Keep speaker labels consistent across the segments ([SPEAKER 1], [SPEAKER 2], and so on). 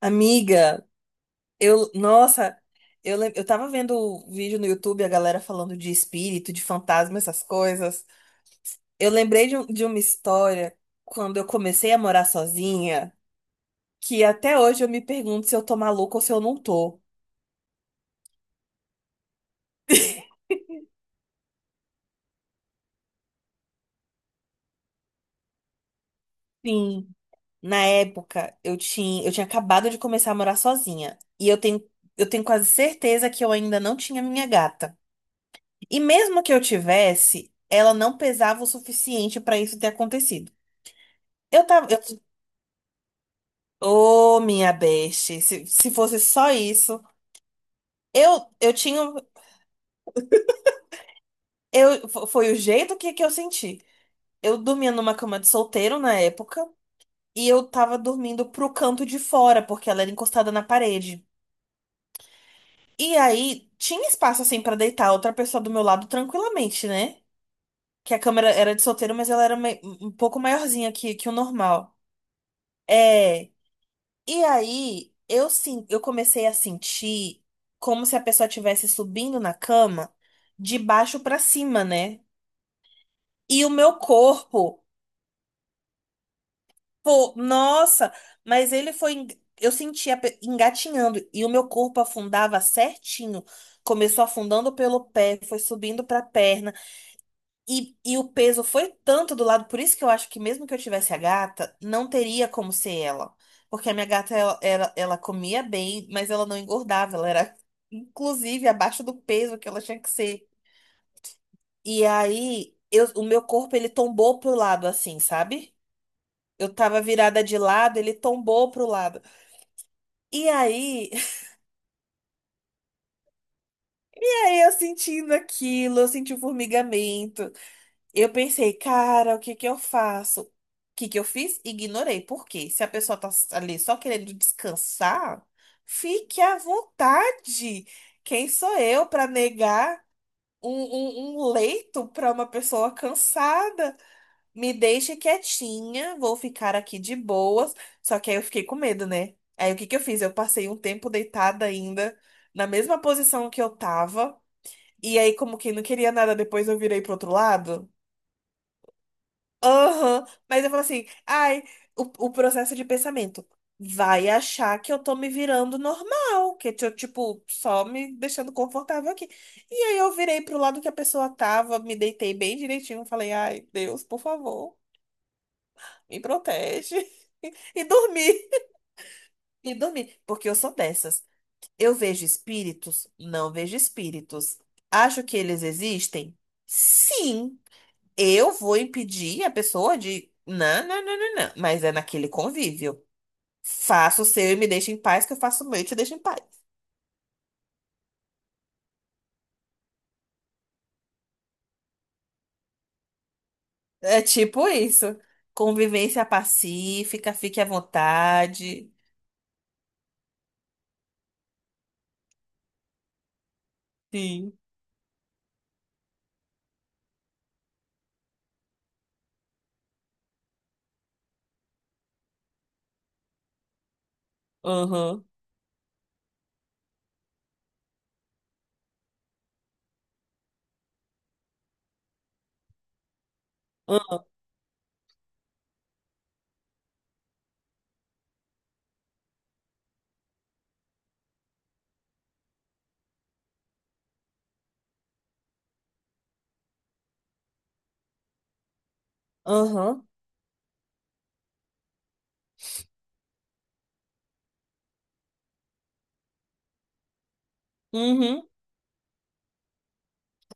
[SPEAKER 1] Amiga, eu, nossa, eu tava vendo o vídeo no YouTube, a galera falando de espírito, de fantasma, essas coisas. Eu lembrei de uma história quando eu comecei a morar sozinha, que até hoje eu me pergunto se eu tô maluca ou se eu não tô. Sim, na época eu tinha acabado de começar a morar sozinha. E eu tenho quase certeza que eu ainda não tinha minha gata. E mesmo que eu tivesse, ela não pesava o suficiente pra isso ter acontecido. Eu tava, eu Ô, minha beste, se fosse só isso, eu tinha eu fo- foi o jeito que eu senti. Eu dormia numa cama de solteiro na época e eu tava dormindo pro canto de fora porque ela era encostada na parede. E aí tinha espaço assim pra deitar outra pessoa do meu lado tranquilamente, né? Que a cama era de solteiro, mas ela era um pouco maiorzinha que o normal. É. E aí, eu, sim, eu comecei a sentir como se a pessoa estivesse subindo na cama de baixo pra cima, né? E o meu corpo, pô, nossa, mas ele foi, en- eu sentia engatinhando e o meu corpo afundava certinho. Começou afundando pelo pé, foi subindo pra perna. E o peso foi tanto do lado, por isso que eu acho que mesmo que eu tivesse a gata, não teria como ser ela. Porque a minha gata, ela comia bem, mas ela não engordava, ela era, inclusive, abaixo do peso que ela tinha que ser. E aí, o meu corpo, ele tombou pro lado, assim, sabe? Eu tava virada de lado, ele tombou pro lado. E aí, e aí eu sentindo aquilo, eu senti o formigamento. Eu pensei, cara, o que que eu faço? O que que eu fiz? Ignorei. Por quê? Se a pessoa tá ali só querendo descansar, fique à vontade. Quem sou eu para negar um leito para uma pessoa cansada? Me deixe quietinha, vou ficar aqui de boas. Só que aí eu fiquei com medo, né? Aí o que que eu fiz? Eu passei um tempo deitada ainda, na mesma posição que eu tava. E aí, como quem não queria nada, depois eu virei pro outro lado. Aham, mas eu falo assim, ai, o processo de pensamento vai achar que eu tô me virando normal, que eu, tipo, só me deixando confortável aqui. E aí eu virei pro lado que a pessoa tava, me deitei bem direitinho, falei, ai, Deus, por favor, me protege. E dormi, e dormi, porque eu sou dessas. Eu vejo espíritos? Não vejo espíritos. Acho que eles existem? Sim. Eu vou impedir a pessoa de. Não, não, não, não, não. Mas é naquele convívio. Faça o seu e me deixa em paz, que eu faço o meu e te deixo em paz. É tipo isso. Convivência pacífica, fique à vontade. Sim. Aham. Ah. Aham. Uhum.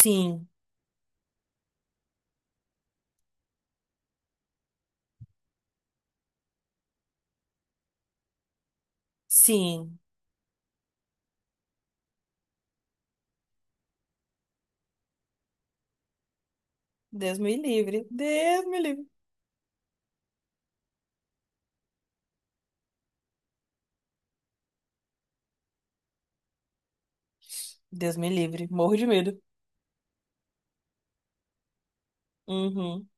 [SPEAKER 1] Sim. Sim. Deus me livre. Deus me livre. Deus me livre. Morro de medo. Uhum.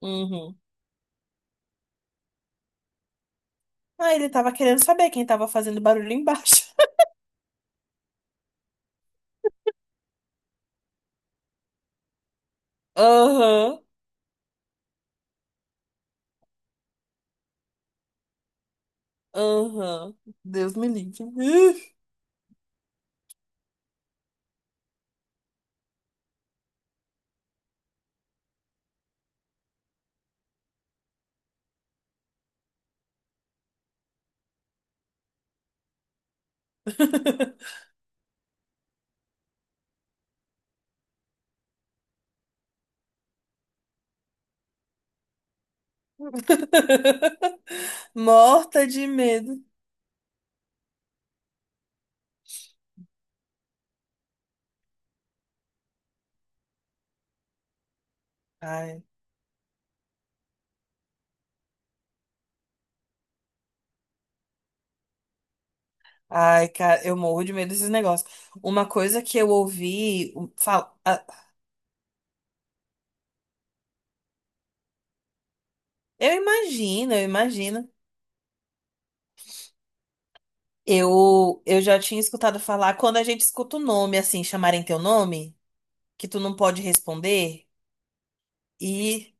[SPEAKER 1] Uhum. Ah, ele tava querendo saber quem tava fazendo barulho embaixo. Aham. Aham. Deus me livre. Morta de medo. Ai, ai, cara, eu morro de medo desses negócios. Uma coisa que eu ouvi, ah, eu imagino, eu imagino. Eu já tinha escutado falar quando a gente escuta o nome, assim, chamarem teu nome, que tu não pode responder. E,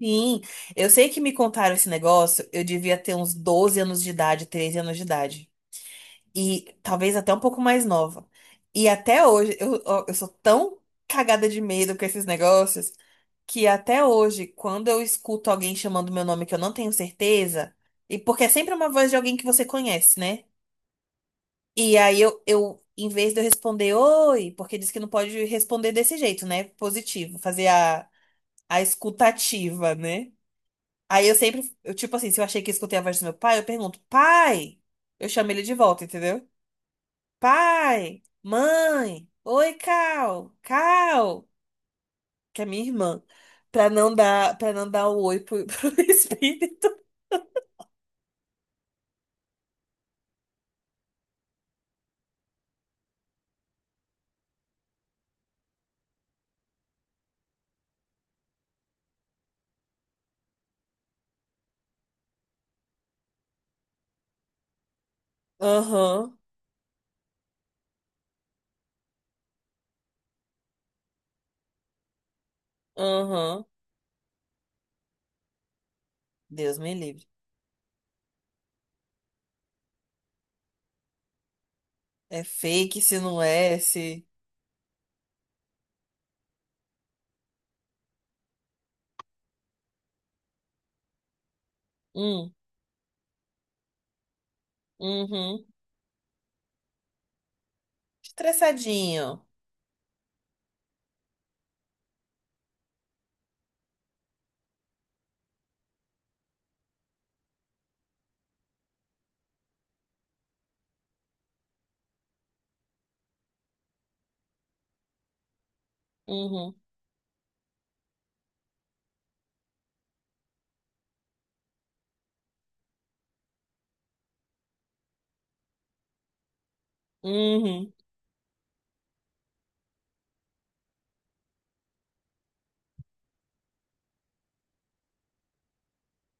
[SPEAKER 1] sim, eu sei que me contaram esse negócio, eu devia ter uns 12 anos de idade, 13 anos de idade, e talvez até um pouco mais nova. E até hoje, eu, ó, eu sou tão cagada de medo com esses negócios que até hoje, quando eu escuto alguém chamando meu nome que eu não tenho certeza, e porque é sempre uma voz de alguém que você conhece, né? E aí eu em vez de eu responder oi, porque diz que não pode responder desse jeito, né? Positivo, fazer a escutativa, né? Aí eu sempre, eu, tipo assim, se eu achei que escutei a voz do meu pai, eu pergunto, pai, eu chamo ele de volta, entendeu? Pai, mãe, oi, Cal, Cal, que é minha irmã, pra não dar, para não dar o oi pro, pro espírito. Aham, aham, Deus me livre. É fake se não é, se. Hum, uhum. Estressadinho. Uhum, uhum.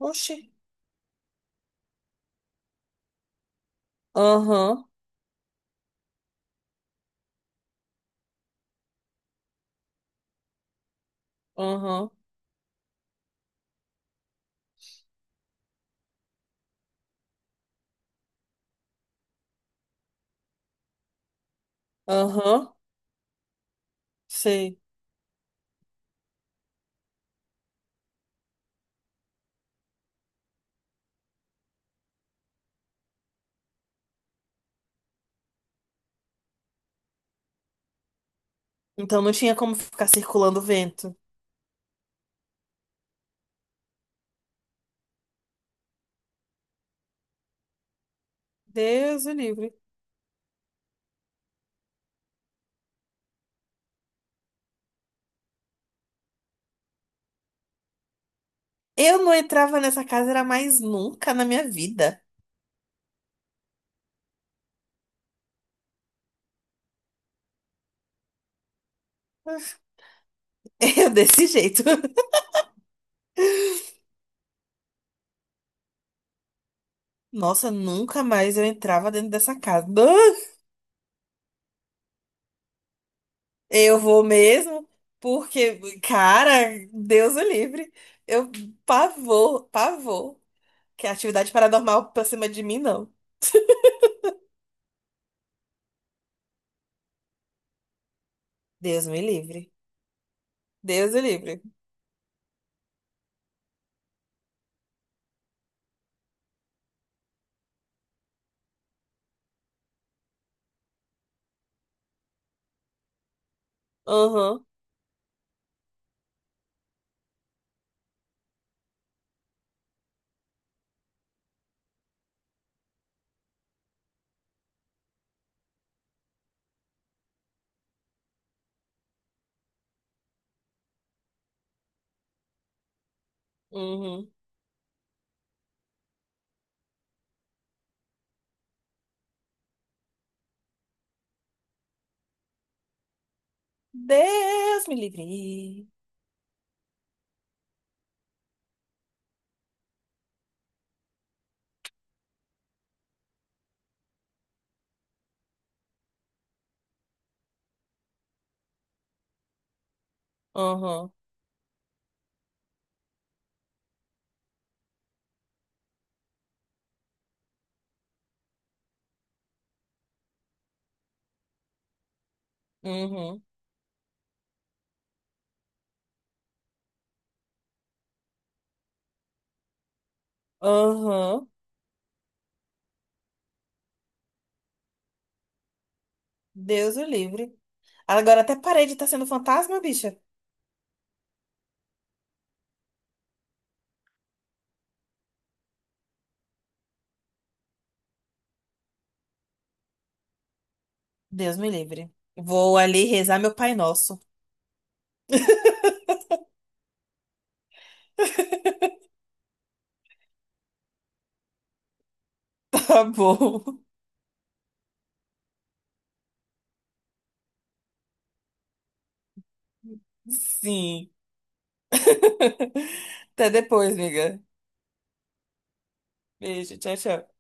[SPEAKER 1] Oxi. Aham, aham, aham, sei. Então não tinha como ficar circulando o vento. Deus me livre. Eu não entrava nessa casa, era mais nunca na minha vida. Eu desse jeito. Nossa, nunca mais eu entrava dentro dessa casa. Ah, eu vou mesmo, porque, cara, Deus o livre. Eu Pavor, pavor. Que atividade paranormal pra cima de mim, não. Deus me livre. Deus o livre. Aham, uhum, Deus me livre. Aham, uhum, aham. Deus o livre. Agora até parei de estar sendo fantasma, bicha. Deus me livre. Vou ali rezar meu Pai Nosso. Tá bom. Sim. Até depois, amiga. Beijo, tchau, tchau.